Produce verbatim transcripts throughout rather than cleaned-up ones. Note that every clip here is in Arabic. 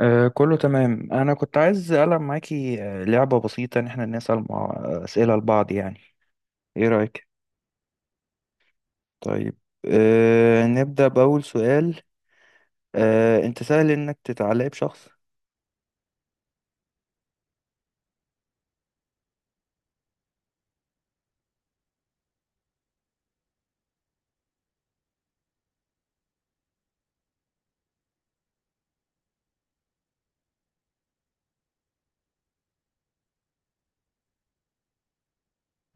آه كله تمام، انا كنت عايز العب معاكي آه، لعبه بسيطه ان احنا نسال مع اسئله لبعض يعني. ايه رايك؟ طيب. آه نبدا باول سؤال. آه انت سهل انك تتعلق بشخص؟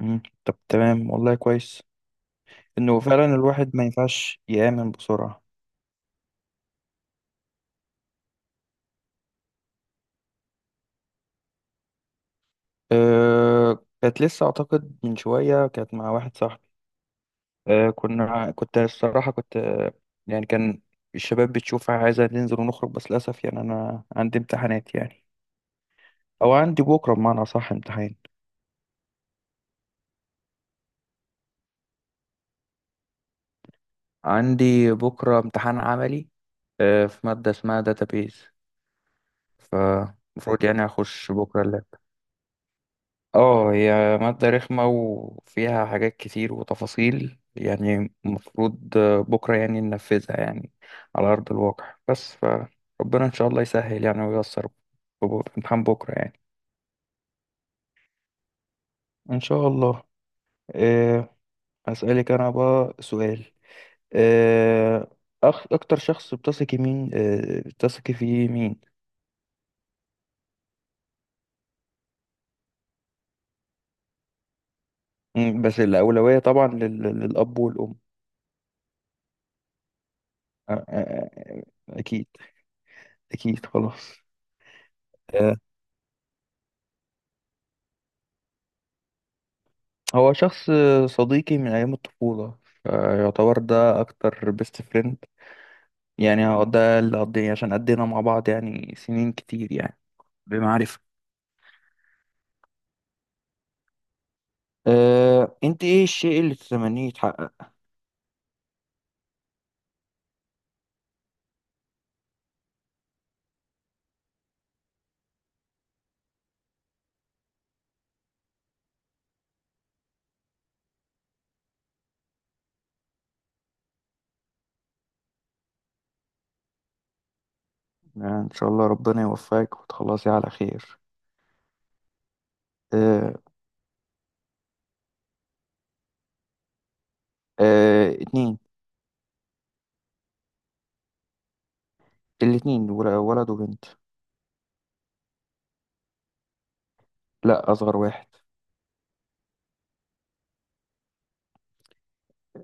مم. طب تمام، والله كويس انه فعلا الواحد ما ينفعش يامن بسرعه. آه كانت لسه، اعتقد من شويه كانت مع واحد صاحبي. آه كنا كنت الصراحه كنت آه، يعني كان الشباب بتشوف عايزه ننزل ونخرج، بس للاسف يعني انا عندي امتحانات يعني. او عندي بكره بمعنى صح امتحان. عندي بكره امتحان عملي، آه، في ماده اسمها داتابيز، فمفروض يعني اخش بكره اللاب. اه هي ماده رخمه وفيها حاجات كتير وتفاصيل، يعني المفروض آه، بكره يعني ننفذها يعني على ارض الواقع، بس فربنا ان شاء الله يسهل يعني وييسر في بو- في امتحان بكره يعني. ان شاء الله. أه هسألك انا بقى سؤال. آه، أخ أكتر شخص بتثقي مين آه، بتثقي فيه مين؟ مم، بس الأولوية طبعا لل- للأب والأم. آه، آه، آه، أكيد، أكيد خلاص. آه، هو شخص آه، صديقي من أيام الطفولة، يعتبر ده أكتر بيست فريند، يعني هو ده اللي قضينا عشان قضينا مع بعض يعني سنين كتير يعني، بمعرفة. أه أنت إيه الشيء اللي تتمنيه يتحقق؟ آه، إن شاء الله ربنا يوفقك وتخلصي على خير. أه أه اتنين. الاتنين ول- ولد وبنت. لا، اصغر واحد.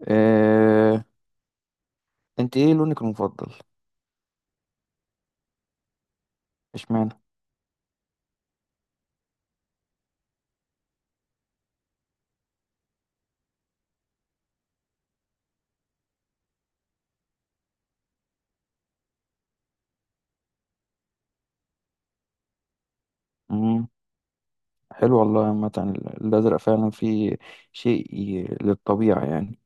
آه... انت ايه لونك المفضل؟ اشمعنى؟ امم حلو والله، عامة ال- الازرق فعلا فيه شيء ي- للطبيعة يعني.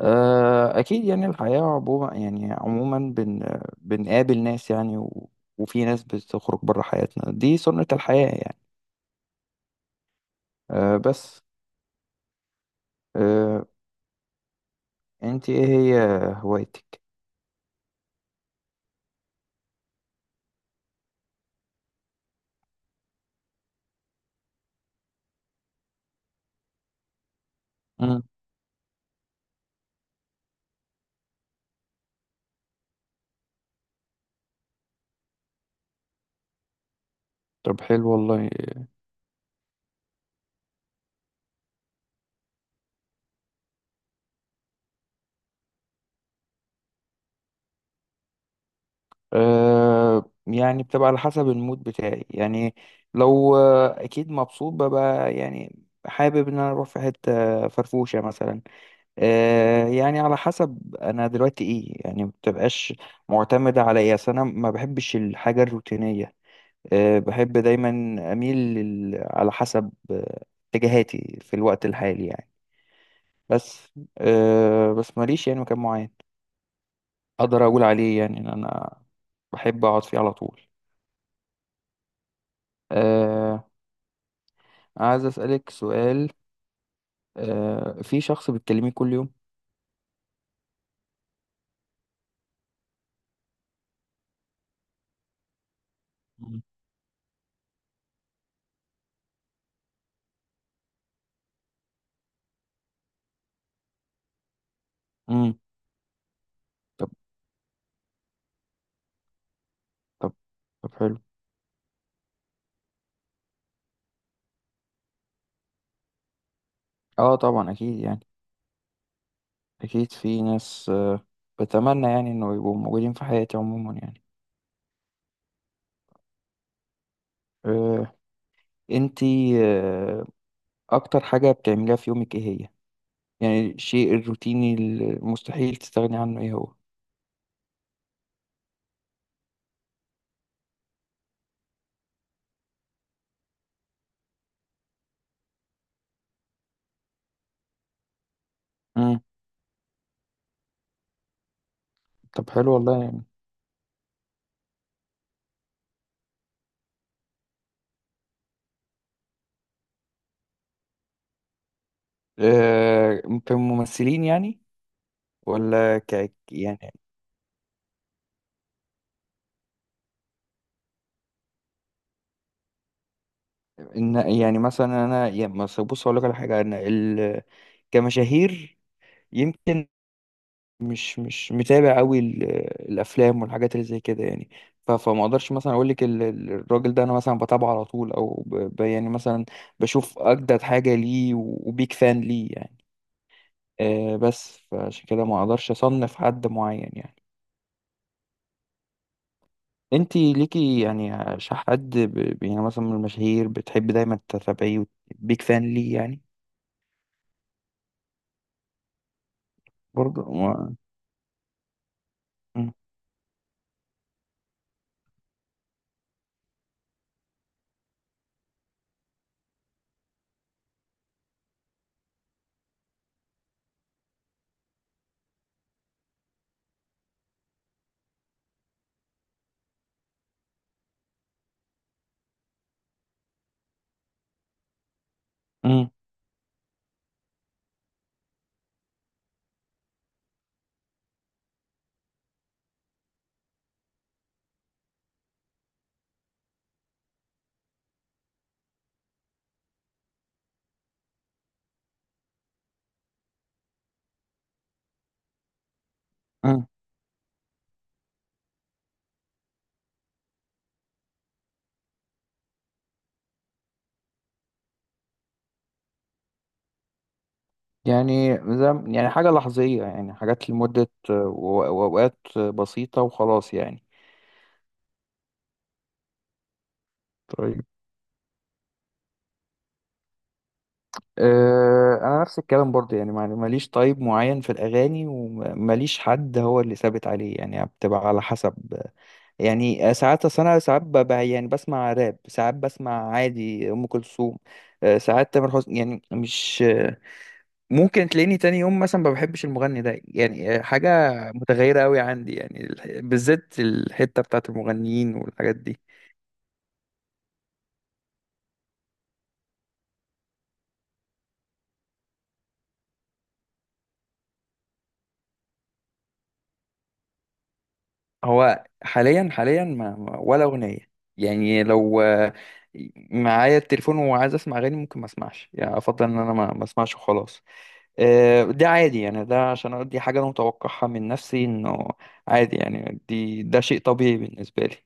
آه... اكيد، يعني الحياة عموما، يعني عموما بن... بنقابل ناس يعني، و... وفي ناس بتخرج بره حياتنا، دي سنة الحياة يعني. آه بس آه... انت ايه هي هوايتك؟ امم طب حلو والله. أه يعني بتبقى على حسب المود بتاعي يعني. لو آه، اكيد مبسوط ببقى يعني حابب ان انا اروح في حته فرفوشه مثلا. أه يعني على حسب انا دلوقتي ايه يعني، ما بتبقاش معتمده على ايه، أصل انا ما بحبش الحاجه الروتينيه. أه بحب دايما اميل لل... على حسب آه، اتجاهاتي في الوقت الحالي يعني. بس أه بس ماليش يعني مكان معين اقدر اقول عليه يعني ان انا بحب اقعد فيه على طول. آه عايز أسألك سؤال. آه في شخص بتكلميه كل يوم؟ مم. امم طب طب طب حلو. اه طبعا اكيد يعني، اكيد في ناس آه بتمنى يعني انه يبقوا موجودين في حياتي عموما يعني. آه انتي، آه اكتر حاجة بتعمليها في يومك ايه هي؟ يعني الشيء الروتيني المستحيل تستغني عنه ايه هو؟ امم طب حلو والله يعني. آه في الممثلين يعني؟ ولا ك يعني؟ إن يعني مثلا انا يعني مثلا بص اقول لك على حاجه انا ال... كمشاهير، يمكن مش مش متابع قوي ال... الافلام والحاجات اللي زي كده يعني. ف... فما اقدرش مثلا اقول لك ال... ال- الراجل ده انا مثلا بتابعه على طول، او ب... ب... يعني مثلا بشوف اجدد حاجه ليه و... وبيك فان ليه يعني. آه بس فعشان كده ما اقدرش اصنف حد معين يعني. انت ليكي يعني ش- حد ب... يعني مثلا من المشاهير بتحب دايما تتابعيه، بيك فان ليه يعني؟ برضه ما... مم. مم. يعني زي ما- يعني حاجة لحظية، يعني حاجات لمدة آه، و- وأوقات آه، بسيطة وخلاص يعني. طيب. آه، أنا نفس الكلام برضه يعني، ما- ماليش طيب معين في الأغاني، وماليش حد هو اللي ثابت عليه، يعني بتبقى على حسب، يعني ساعات أصل أنا ساعات ب- ب- يعني بسمع راب، ساعات بسمع عادي أم كلثوم. آه، ساعات تامر حسني يعني، مش ممكن تلاقيني تاني يوم مثلا ما بحبش المغني ده يعني، حاجة متغيرة قوي عندي يعني، الح- بالذات الحتة بتاعت المغنيين والحاجات دي. هو حاليا حاليا ما ما- ولا أغنية، يعني لو آه، معايا التليفون وعايز اسمع اغاني ممكن ما اسمعش، يعني افضل ان انا ما ما اسمعش وخلاص. آه، ده عادي يعني، ده عشان دي حاجة انا متوقعها من نفسي، انه عادي، يعني دي ده شيء طبيعي بالنسبة لي.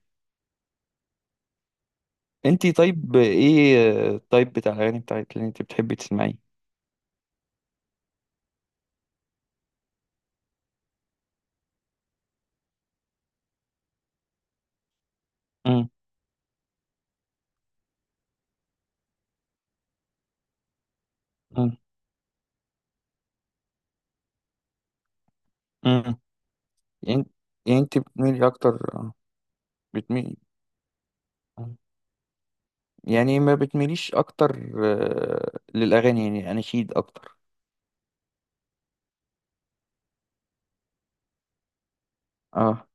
انتي طيب، ايه الطيب بتاع الاغاني بتاعت اللي انت بتحبي تسمعيه؟ مم. امم يعني يعني انت بتميلي اكتر آه، بتميلي آه. يعني ما بتميليش اكتر آه، للاغاني يعني اناشيد اكتر؟ اه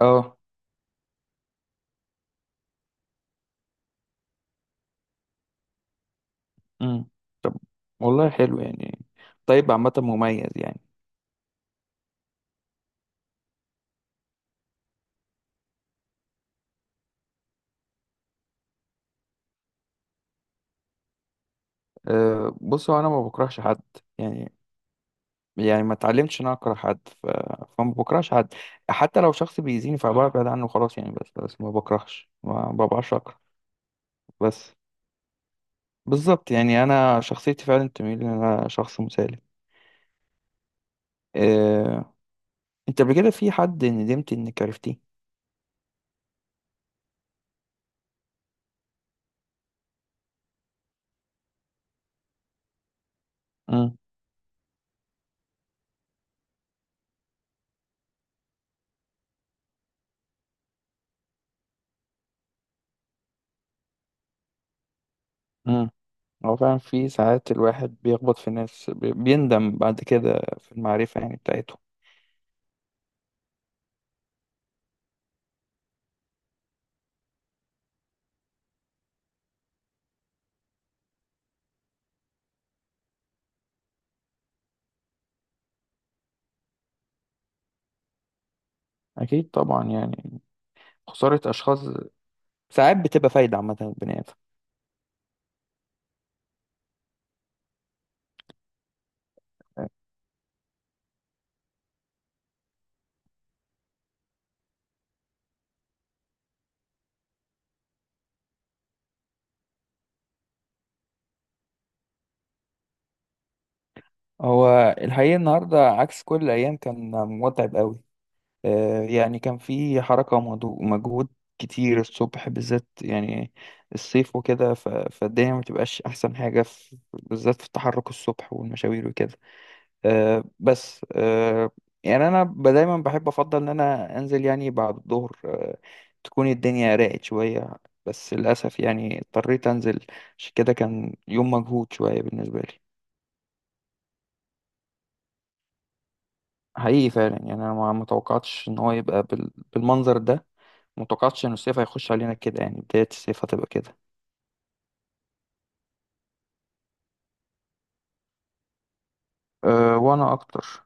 اه. امم والله حلو يعني، طيب عامه مميز يعني. أه بص هو انا ما بكرهش حد، يعني يعني ما اتعلمتش ان انا اكره حد ف... فما بكرهش حد، حتى لو شخص بيأذيني فببعد عنه خلاص يعني، بس بس ما بكرهش ما ببقاش اكره، بس بالظبط يعني انا شخصيتي فعلا تميل ان انا شخص مسالم. آه، انت قبل كده في حد ندمت انك عرفتيه؟ امم امم هو فعلا في ساعات الواحد بيخبط في ناس بي- بيندم بعد كده في المعرفة يعني بتاعتهم. أكيد طبعا يعني، خسارة أشخاص ساعات بتبقى فايدة عامة للبني آدم. هو الحقيقة النهاردة عكس كل الأيام، كان متعب قوي، آه، يعني كان في حركة ومضو- ومجهود كتير الصبح بالذات يعني، الصيف وكده، ف- فالدنيا ما بتبقاش أحسن حاجة في بالذات في التحرك الصبح والمشاوير وكده. آه بس آه يعني انا ب- دايما بحب افضل ان انا انزل يعني بعد الظهر آه تكون الدنيا راقت شويه، بس للاسف يعني اضطريت انزل، عشان كده كان يوم مجهود شويه بالنسبه لي. حقيقي فعلا، يعني انا ما ما توقعتش ان هو يبقى بال- بالمنظر ده، ما توقعتش ان الصيف هيخش علينا كده، يعني بدايه الصيف هتبقى كده. أه وانا اكتر.